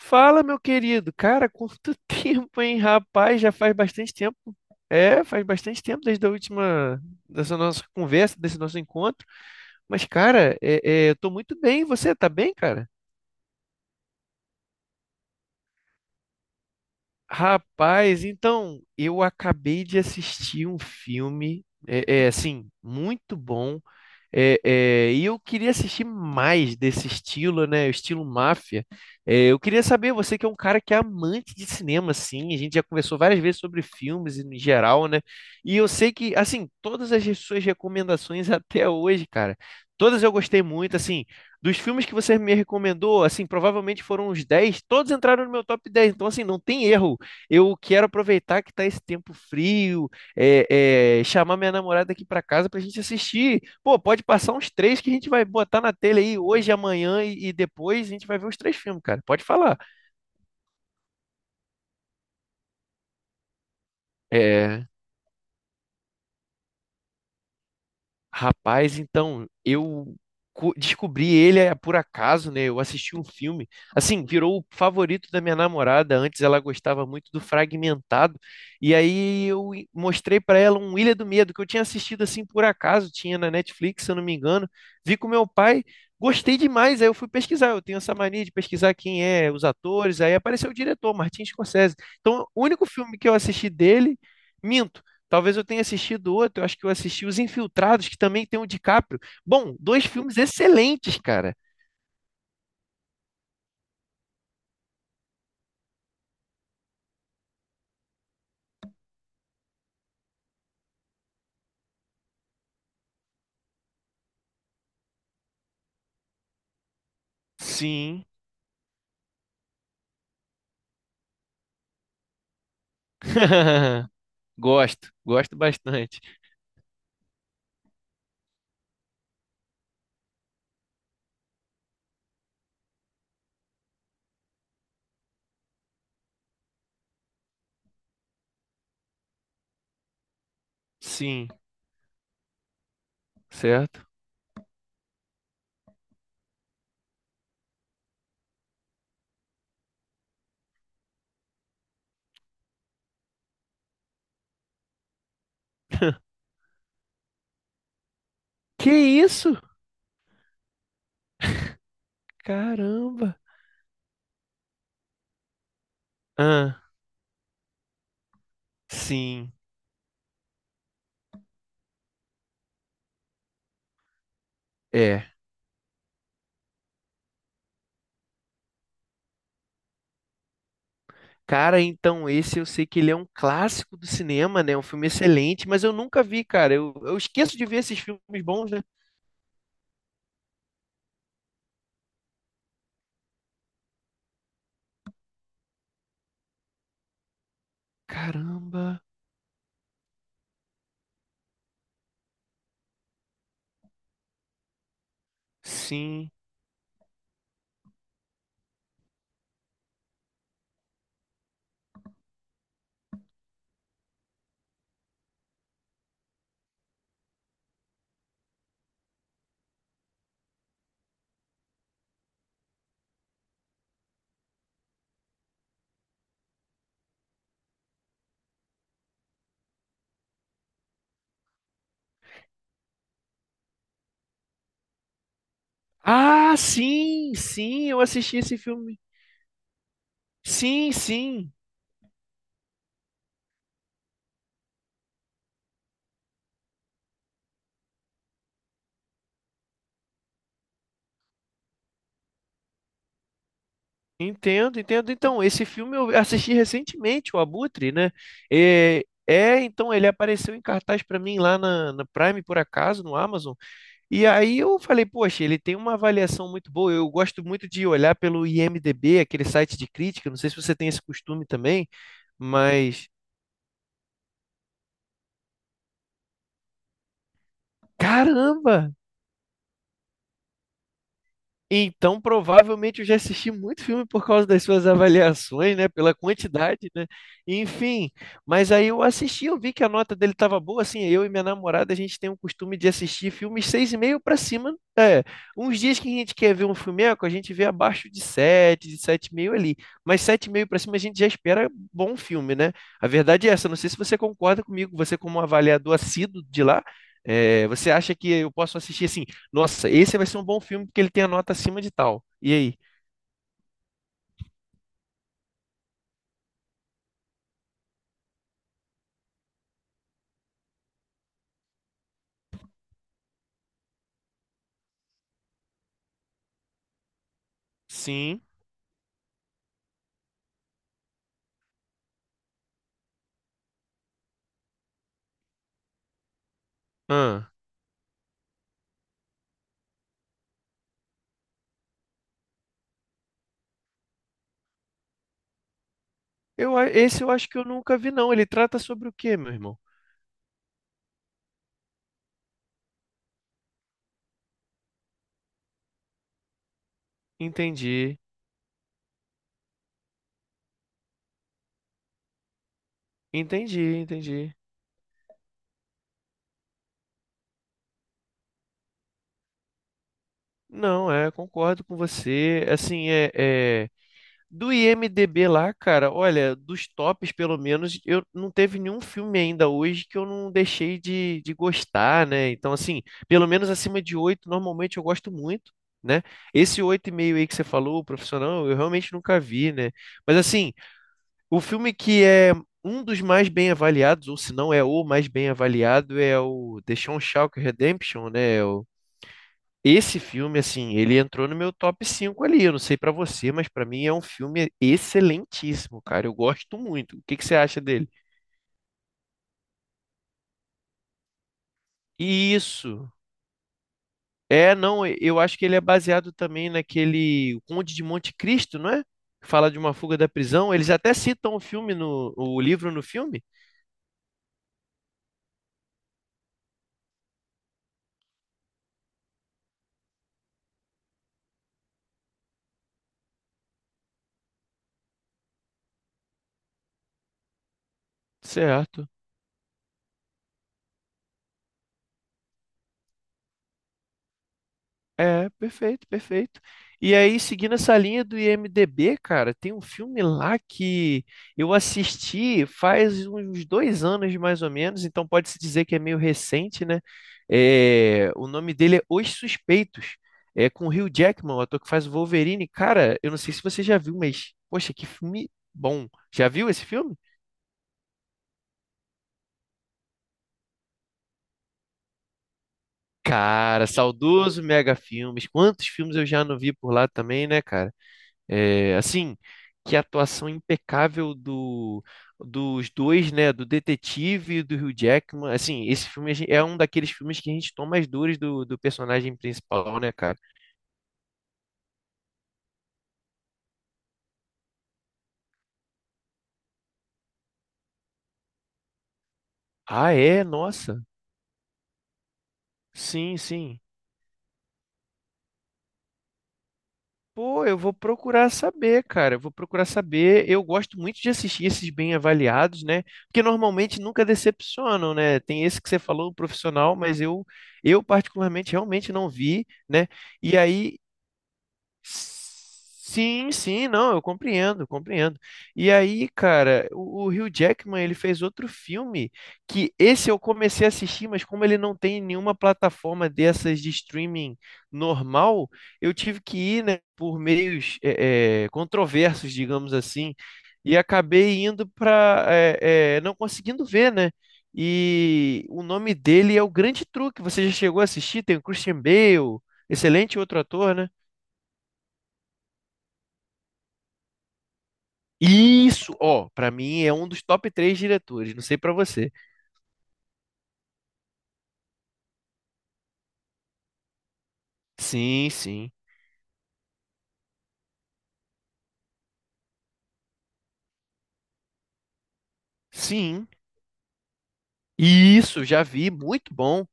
Fala, meu querido. Cara, quanto tempo, hein, rapaz? Já faz bastante tempo. É, faz bastante tempo desde a última, dessa nossa conversa, desse nosso encontro. Mas, cara, eu tô muito bem. E você tá bem, cara? Rapaz, então, eu acabei de assistir um filme, assim, muito bom. E eu queria assistir mais desse estilo, né? O estilo máfia. Eu queria saber, você que é um cara que é amante de cinema, assim, a gente já conversou várias vezes sobre filmes em geral, né? E eu sei que, assim, todas as suas recomendações até hoje, cara, todas eu gostei muito, assim, dos filmes que você me recomendou, assim, provavelmente foram uns 10, todos entraram no meu top 10. Então, assim, não tem erro. Eu quero aproveitar que tá esse tempo frio, chamar minha namorada aqui para casa pra gente assistir. Pô, pode passar uns três que a gente vai botar na telha aí hoje, amanhã e depois a gente vai ver os três filmes, cara. Pode falar. É, Rapaz, então eu descobri ele por acaso, né? Eu assisti um filme, assim, virou o favorito da minha namorada. Antes ela gostava muito do Fragmentado, e aí eu mostrei pra ela um Ilha do Medo que eu tinha assistido assim por acaso, tinha na Netflix, se eu não me engano. Vi com meu pai, gostei demais. Aí eu fui pesquisar. Eu tenho essa mania de pesquisar quem é os atores. Aí apareceu o diretor, Martin Scorsese. Então, o único filme que eu assisti dele, minto. Talvez eu tenha assistido outro, eu acho que eu assisti Os Infiltrados, que também tem o DiCaprio. Bom, dois filmes excelentes, cara. Sim. Gosto, gosto bastante. Sim, certo? Que isso? Caramba. Ah, sim, é. Cara, então esse eu sei que ele é um clássico do cinema, né? Um filme excelente, mas eu nunca vi, cara. Eu esqueço de ver esses filmes bons, né? Caramba, sim. Ah, sim, sim, eu assisti esse filme. Sim, sim, entendo, entendo. Então, esse filme eu assisti recentemente, o Abutre, né? Então ele apareceu em cartaz para mim lá na Prime, por acaso, no Amazon. E aí eu falei, poxa, ele tem uma avaliação muito boa. Eu gosto muito de olhar pelo IMDb, aquele site de crítica. Não sei se você tem esse costume também, mas caramba! Então, provavelmente eu já assisti muito filme por causa das suas avaliações, né? Pela quantidade, né? Enfim, mas aí eu assisti, eu vi que a nota dele estava boa, assim, eu e minha namorada, a gente tem o costume de assistir filmes seis e meio para cima, uns dias que a gente quer ver um filmeco, a gente vê abaixo de sete e meio ali, mas sete e meio para cima a gente já espera bom filme, né? A verdade é essa, não sei se você concorda comigo, você como um avaliador assíduo de lá, você acha que eu posso assistir assim? Nossa, esse vai ser um bom filme porque ele tem a nota acima de tal. E aí? Sim. Ah. Esse eu acho que eu nunca vi, não. Ele trata sobre o quê, meu irmão? Entendi, entendi, entendi. Não, concordo com você. Assim, do IMDB lá, cara, olha, dos tops pelo menos, eu não teve nenhum filme ainda hoje que eu não deixei de gostar, né? Então, assim, pelo menos acima de oito, normalmente eu gosto muito, né? Esse oito e meio aí que você falou, o profissional, eu realmente nunca vi, né? Mas, assim, o filme que é um dos mais bem avaliados, ou se não é o mais bem avaliado, é o The Shawshank Redemption, né? Esse filme, assim, ele entrou no meu top 5 ali. Eu não sei pra você, mas pra mim é um filme excelentíssimo, cara. Eu gosto muito. O que que você acha dele? Isso. É, não, eu acho que ele é baseado também naquele O Conde de Monte Cristo, não é? Que fala de uma fuga da prisão. Eles até citam o filme o livro no filme. Certo. É, perfeito, perfeito. E aí, seguindo essa linha do IMDB, cara, tem um filme lá que eu assisti faz uns 2 anos mais ou menos, então pode-se dizer que é meio recente, né? O nome dele é Os Suspeitos, é com o Hugh Jackman, o ator que faz o Wolverine. Cara, eu não sei se você já viu, mas poxa, que filme bom. Já viu esse filme? Cara, saudoso Mega Filmes. Quantos filmes eu já não vi por lá também, né, cara? É, assim, que a atuação impecável dos dois, né? Do detetive e do Hugh Jackman. Assim, esse filme é um daqueles filmes que a gente toma as dores do personagem principal, né, cara? Ah, é? Nossa. Sim, sim. Pô, eu vou procurar saber, cara. Eu vou procurar saber. Eu gosto muito de assistir esses bem avaliados, né? Porque normalmente nunca decepcionam, né? Tem esse que você falou, o profissional, mas eu particularmente realmente não vi, né? E aí. Sim, sim, não, eu compreendo, compreendo. E aí, cara, o Hugh Jackman, ele fez outro filme que esse eu comecei a assistir, mas como ele não tem nenhuma plataforma dessas de streaming normal, eu tive que ir, né, por meios controversos, digamos assim, e acabei indo para não conseguindo ver, né? E o nome dele é O Grande Truque. Você já chegou a assistir? Tem o Christian Bale, excelente outro ator, né? Isso, ó, pra mim é um dos top três diretores, não sei pra você. Sim, sim. Sim. Isso, já vi, muito bom.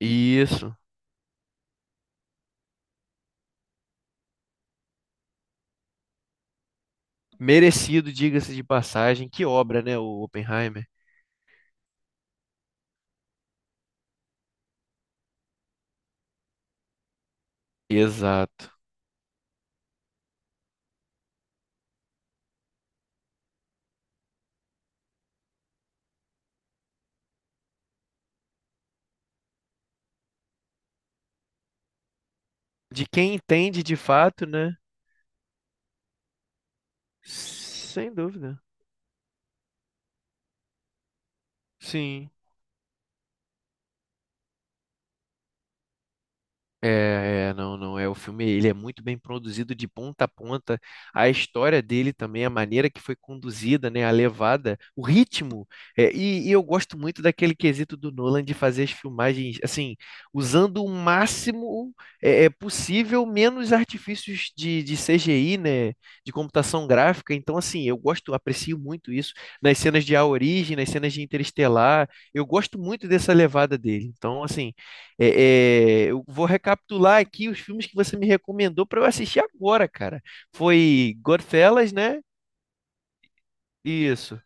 Isso. Merecido, diga-se de passagem. Que obra, né, o Oppenheimer? Exato. De quem entende de fato, né? Sem dúvida. Sim. Não, não é. O filme, ele é muito bem produzido de ponta a ponta. A história dele também, a maneira que foi conduzida, né, a levada, o ritmo. E eu gosto muito daquele quesito do Nolan de fazer as filmagens, assim, usando o máximo possível, menos artifícios de CGI, né, de computação gráfica. Então, assim, eu gosto, aprecio muito isso nas cenas de A Origem, nas cenas de Interestelar. Eu gosto muito dessa levada dele. Então, assim. É, eu vou recapitular aqui os filmes que você me recomendou para eu assistir agora, cara. Foi Godfellas, né? Isso.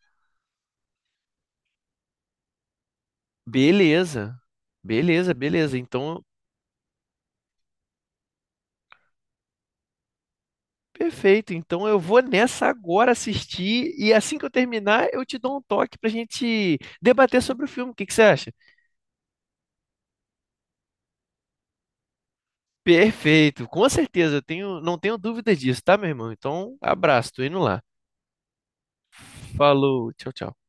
Beleza. Beleza, beleza. Então, perfeito. Então eu vou nessa agora assistir e assim que eu terminar, eu te dou um toque pra gente debater sobre o filme. O que que você acha? Perfeito. Com certeza, não tenho dúvidas disso, tá, meu irmão? Então, abraço, tô indo lá. Falou, tchau, tchau.